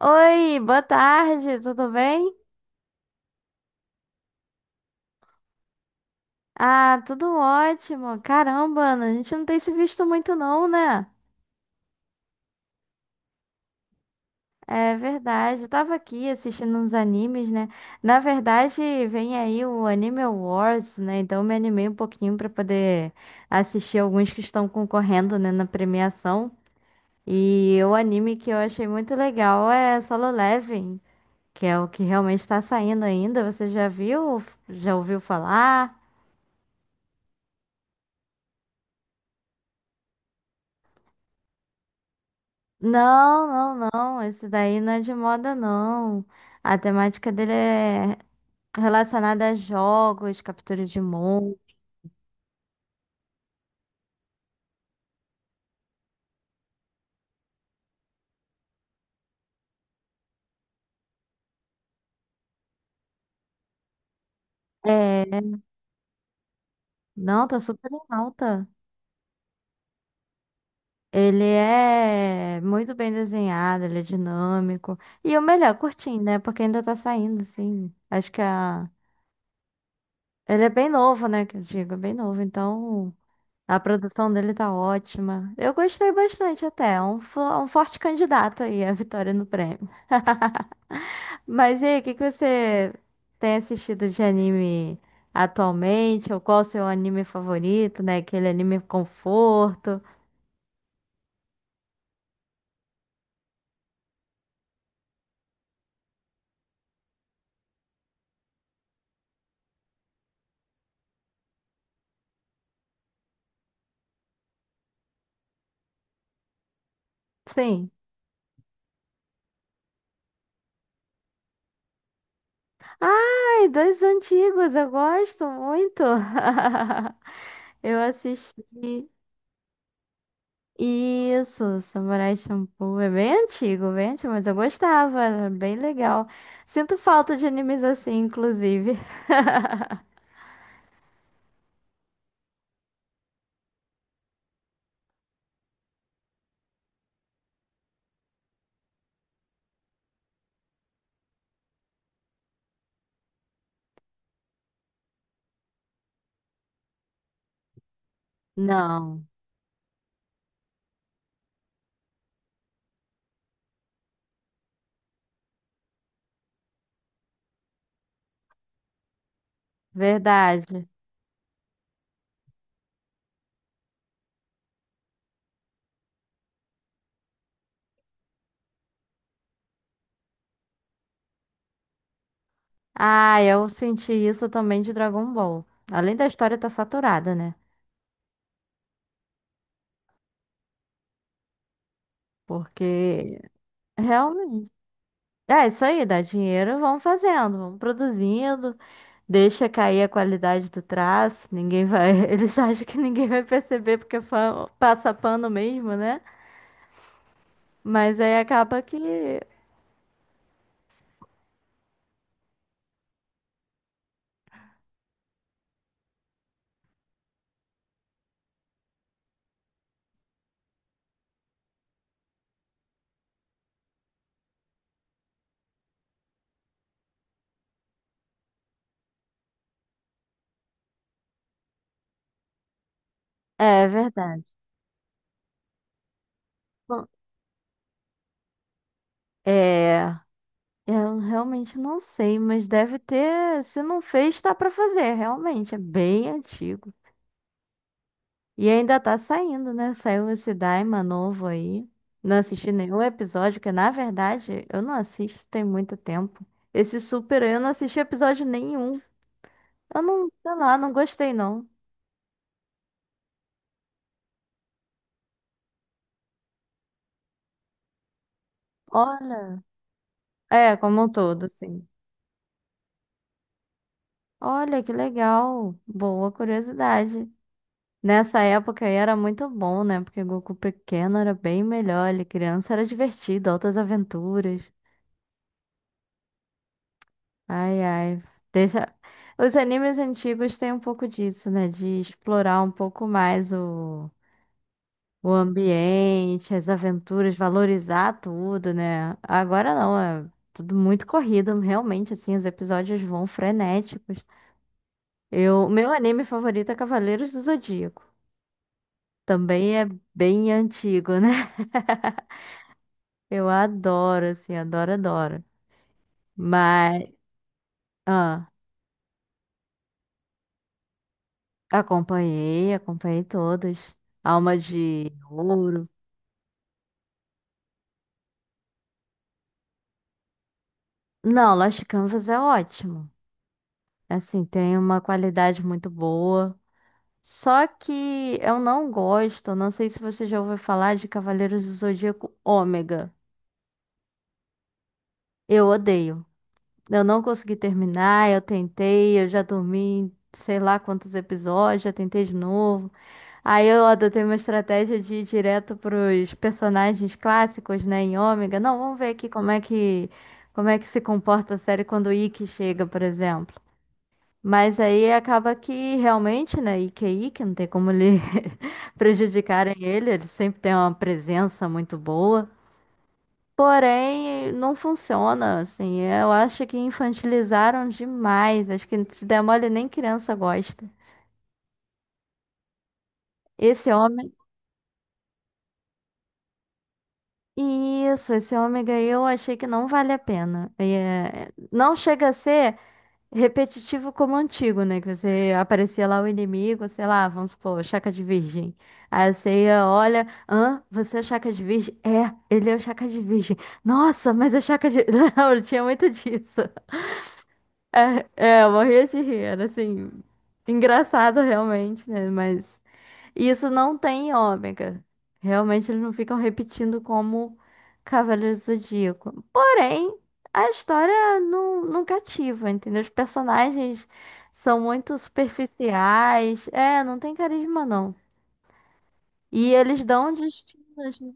Oi, boa tarde, tudo bem? Ah, tudo ótimo. Caramba, Ana, a gente não tem se visto muito não, né? É verdade, eu tava aqui assistindo uns animes, né? Na verdade, vem aí o Anime Awards, né? Então eu me animei um pouquinho pra poder assistir alguns que estão concorrendo, né, na premiação. E o anime que eu achei muito legal é Solo Leveling, que é o que realmente tá saindo ainda. Você já viu? Já ouviu falar? Não, não, não. Esse daí não é de moda, não. A temática dele é relacionada a jogos, captura de monstros. É, não, tá super em alta. Ele é muito bem desenhado, ele é dinâmico. E o melhor, curtinho, né? Porque ainda tá saindo, sim. Acho que a... ele é bem novo, né? Que eu digo, é bem novo. Então, a produção dele tá ótima. Eu gostei bastante até. É um, um forte candidato aí à vitória no prêmio. Mas e aí, o que que você tem assistido de anime atualmente? Ou qual o seu anime favorito, né? Aquele anime conforto. Sim. Ai, dois antigos, eu gosto muito. Eu assisti isso, Samurai Champloo. É bem antigo, mas eu gostava, era bem legal. Sinto falta de animes assim, inclusive. Não, verdade. Ah, eu senti isso também de Dragon Ball. Além da história estar saturada, né? Porque realmente. É isso aí, dá dinheiro, vamos fazendo, vamos produzindo, deixa cair a qualidade do traço, ninguém vai. Eles acham que ninguém vai perceber porque passa pano mesmo, né? Mas aí acaba que. É verdade. Bom, é. Eu realmente não sei, mas deve ter. Se não fez, tá pra fazer, realmente. É bem antigo. E ainda tá saindo, né? Saiu esse Daima novo aí. Não assisti nenhum episódio, que na verdade eu não assisto tem muito tempo. Esse Super aí, eu não assisti episódio nenhum. Eu não, sei lá, não gostei não. Olha. É, como um todo, sim. Olha, que legal. Boa curiosidade. Nessa época aí era muito bom, né? Porque Goku pequeno era bem melhor. Ele criança era divertido, altas aventuras. Ai, ai. Deixa... Os animes antigos têm um pouco disso, né? De explorar um pouco mais o ambiente, as aventuras, valorizar tudo, né? Agora não, é tudo muito corrido, realmente, assim, os episódios vão frenéticos. Eu... Meu anime favorito é Cavaleiros do Zodíaco. Também é bem antigo, né? Eu adoro, assim, adoro, adoro. Mas. Ah. Acompanhei, acompanhei todos. Alma de Ouro. Não, Lost Canvas é ótimo. Assim, tem uma qualidade muito boa. Só que eu não gosto, não sei se você já ouviu falar de Cavaleiros do Zodíaco Ômega. Eu odeio. Eu não consegui terminar, eu tentei, eu já dormi, sei lá quantos episódios, já tentei de novo. Aí eu adotei uma estratégia de ir direto pros personagens clássicos, né, em Ômega. Não, vamos ver aqui como é que se comporta a série quando o Ikki chega, por exemplo. Mas aí acaba que realmente, né, Ikki é Ikki, não tem como lhe prejudicarem ele, ele sempre tem uma presença muito boa. Porém, não funciona, assim. Eu acho que infantilizaram demais. Acho que se der mole, nem criança gosta. Esse homem isso, esse ômega eu achei que não vale a pena. É, não chega a ser repetitivo como o antigo, né? Que você aparecia lá o inimigo, sei lá, vamos supor, Chaka de Virgem. Aí você ia, olha, hã? Você é o Chaka de Virgem? É, ele é o Chaka de Virgem. Nossa, mas é Chaka de. Não, eu tinha muito disso. É, eu morria de rir, era assim, engraçado realmente, né? Mas. E isso não tem em ômega. Realmente eles não ficam repetindo como Cavaleiro do Zodíaco. Porém, a história não cativa, entendeu? Os personagens são muito superficiais. É, não tem carisma, não. E eles dão um destinos, né?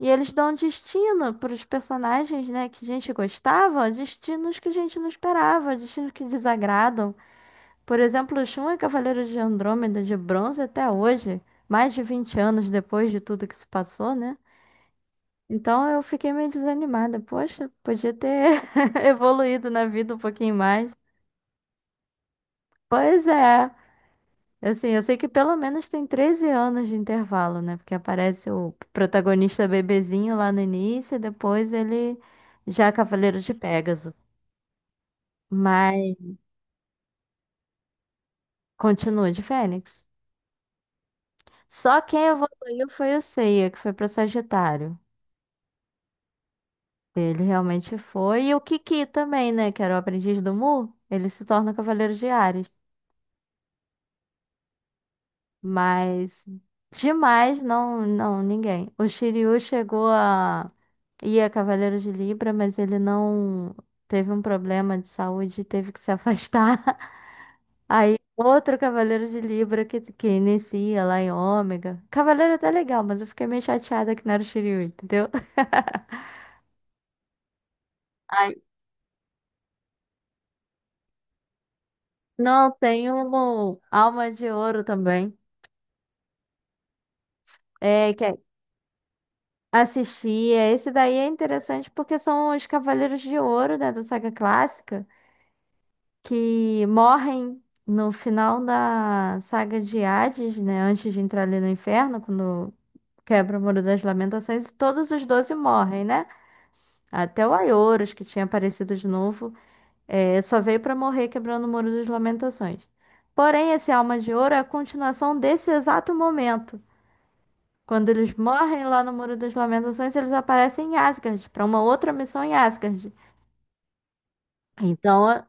E eles dão um destino para os personagens, né, que a gente gostava, destinos que a gente não esperava, destinos que desagradam. Por exemplo, Shun é Cavaleiro de Andrômeda de bronze até hoje, mais de 20 anos depois de tudo que se passou, né? Então eu fiquei meio desanimada. Poxa, podia ter evoluído na vida um pouquinho mais. Pois é. Assim, eu sei que pelo menos tem 13 anos de intervalo, né? Porque aparece o protagonista bebezinho lá no início, e depois ele já é Cavaleiro de Pégaso. Mas continua de Fênix. Só quem evoluiu foi o Seiya, que foi para Sagitário. Ele realmente foi. E o Kiki também, né? Que era o aprendiz do Mu. Ele se torna Cavaleiro de Ares. Mas demais, não, não, ninguém. O Shiryu chegou a ir a Cavaleiro de Libra, mas ele não teve um problema de saúde e teve que se afastar. Aí outro Cavaleiro de Libra que inicia lá em Ômega. Cavaleiro é até legal, mas eu fiquei meio chateada que não era o Shiryu, entendeu? Aí não, tem um alma de ouro também. É, que é assistia. Esse daí é interessante porque são os Cavaleiros de Ouro, né, da saga clássica, que morrem no final da saga de Hades, né, antes de entrar ali no inferno, quando quebra o Muro das Lamentações, e todos os 12 morrem, né? Até o Aioros, que tinha aparecido de novo, é, só veio para morrer quebrando o Muro das Lamentações. Porém, esse Alma de Ouro é a continuação desse exato momento. Quando eles morrem lá no Muro das Lamentações, eles aparecem em Asgard, para uma outra missão em Asgard. Então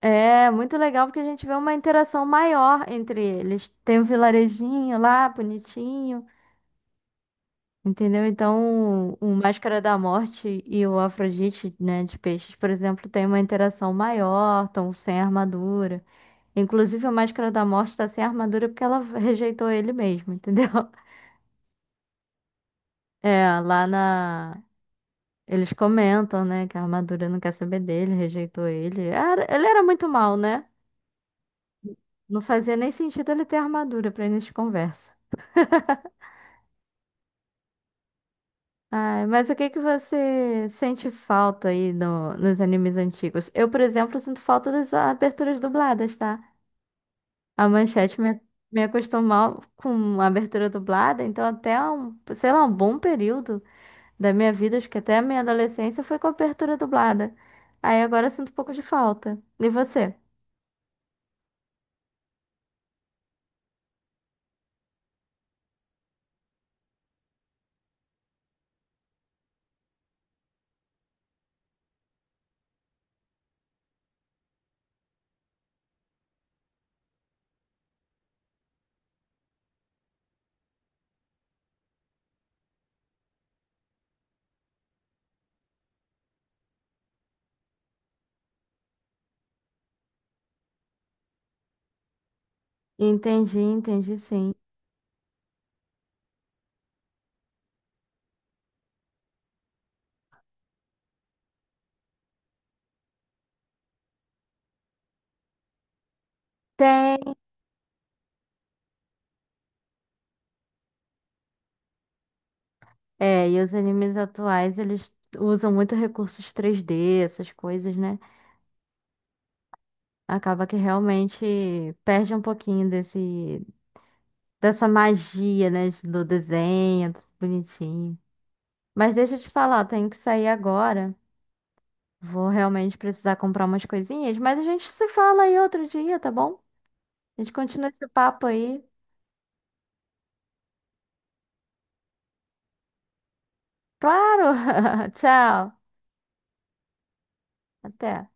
é muito legal porque a gente vê uma interação maior entre eles. Tem um vilarejinho lá, bonitinho, entendeu? Então o Máscara da Morte e o Afrodite, né, de peixes, por exemplo, tem uma interação maior, estão sem armadura. Inclusive, a Máscara da Morte está sem armadura porque ela rejeitou ele mesmo, entendeu? É, eles comentam, né, que a armadura não quer saber dele, rejeitou ele. Ele era muito mal, né? Não fazia nem sentido ele ter armadura pra início de conversa. Ai, mas o que que você sente falta aí nos animes antigos? Eu, por exemplo, sinto falta das aberturas dubladas, tá? A Manchete me acostumou com a abertura dublada, então até um, sei lá, um bom período da minha vida, acho que até a minha adolescência foi com a abertura dublada. Aí agora eu sinto um pouco de falta. E você? Entendi, entendi sim. Tem. É, e os animes atuais, eles usam muito recursos 3D, essas coisas, né? Acaba que realmente perde um pouquinho desse, dessa magia, né? Do desenho, tudo bonitinho. Mas deixa eu te falar, eu tenho que sair agora. Vou realmente precisar comprar umas coisinhas, mas a gente se fala aí outro dia, tá bom? A gente continua esse papo aí. Claro! Tchau! Até!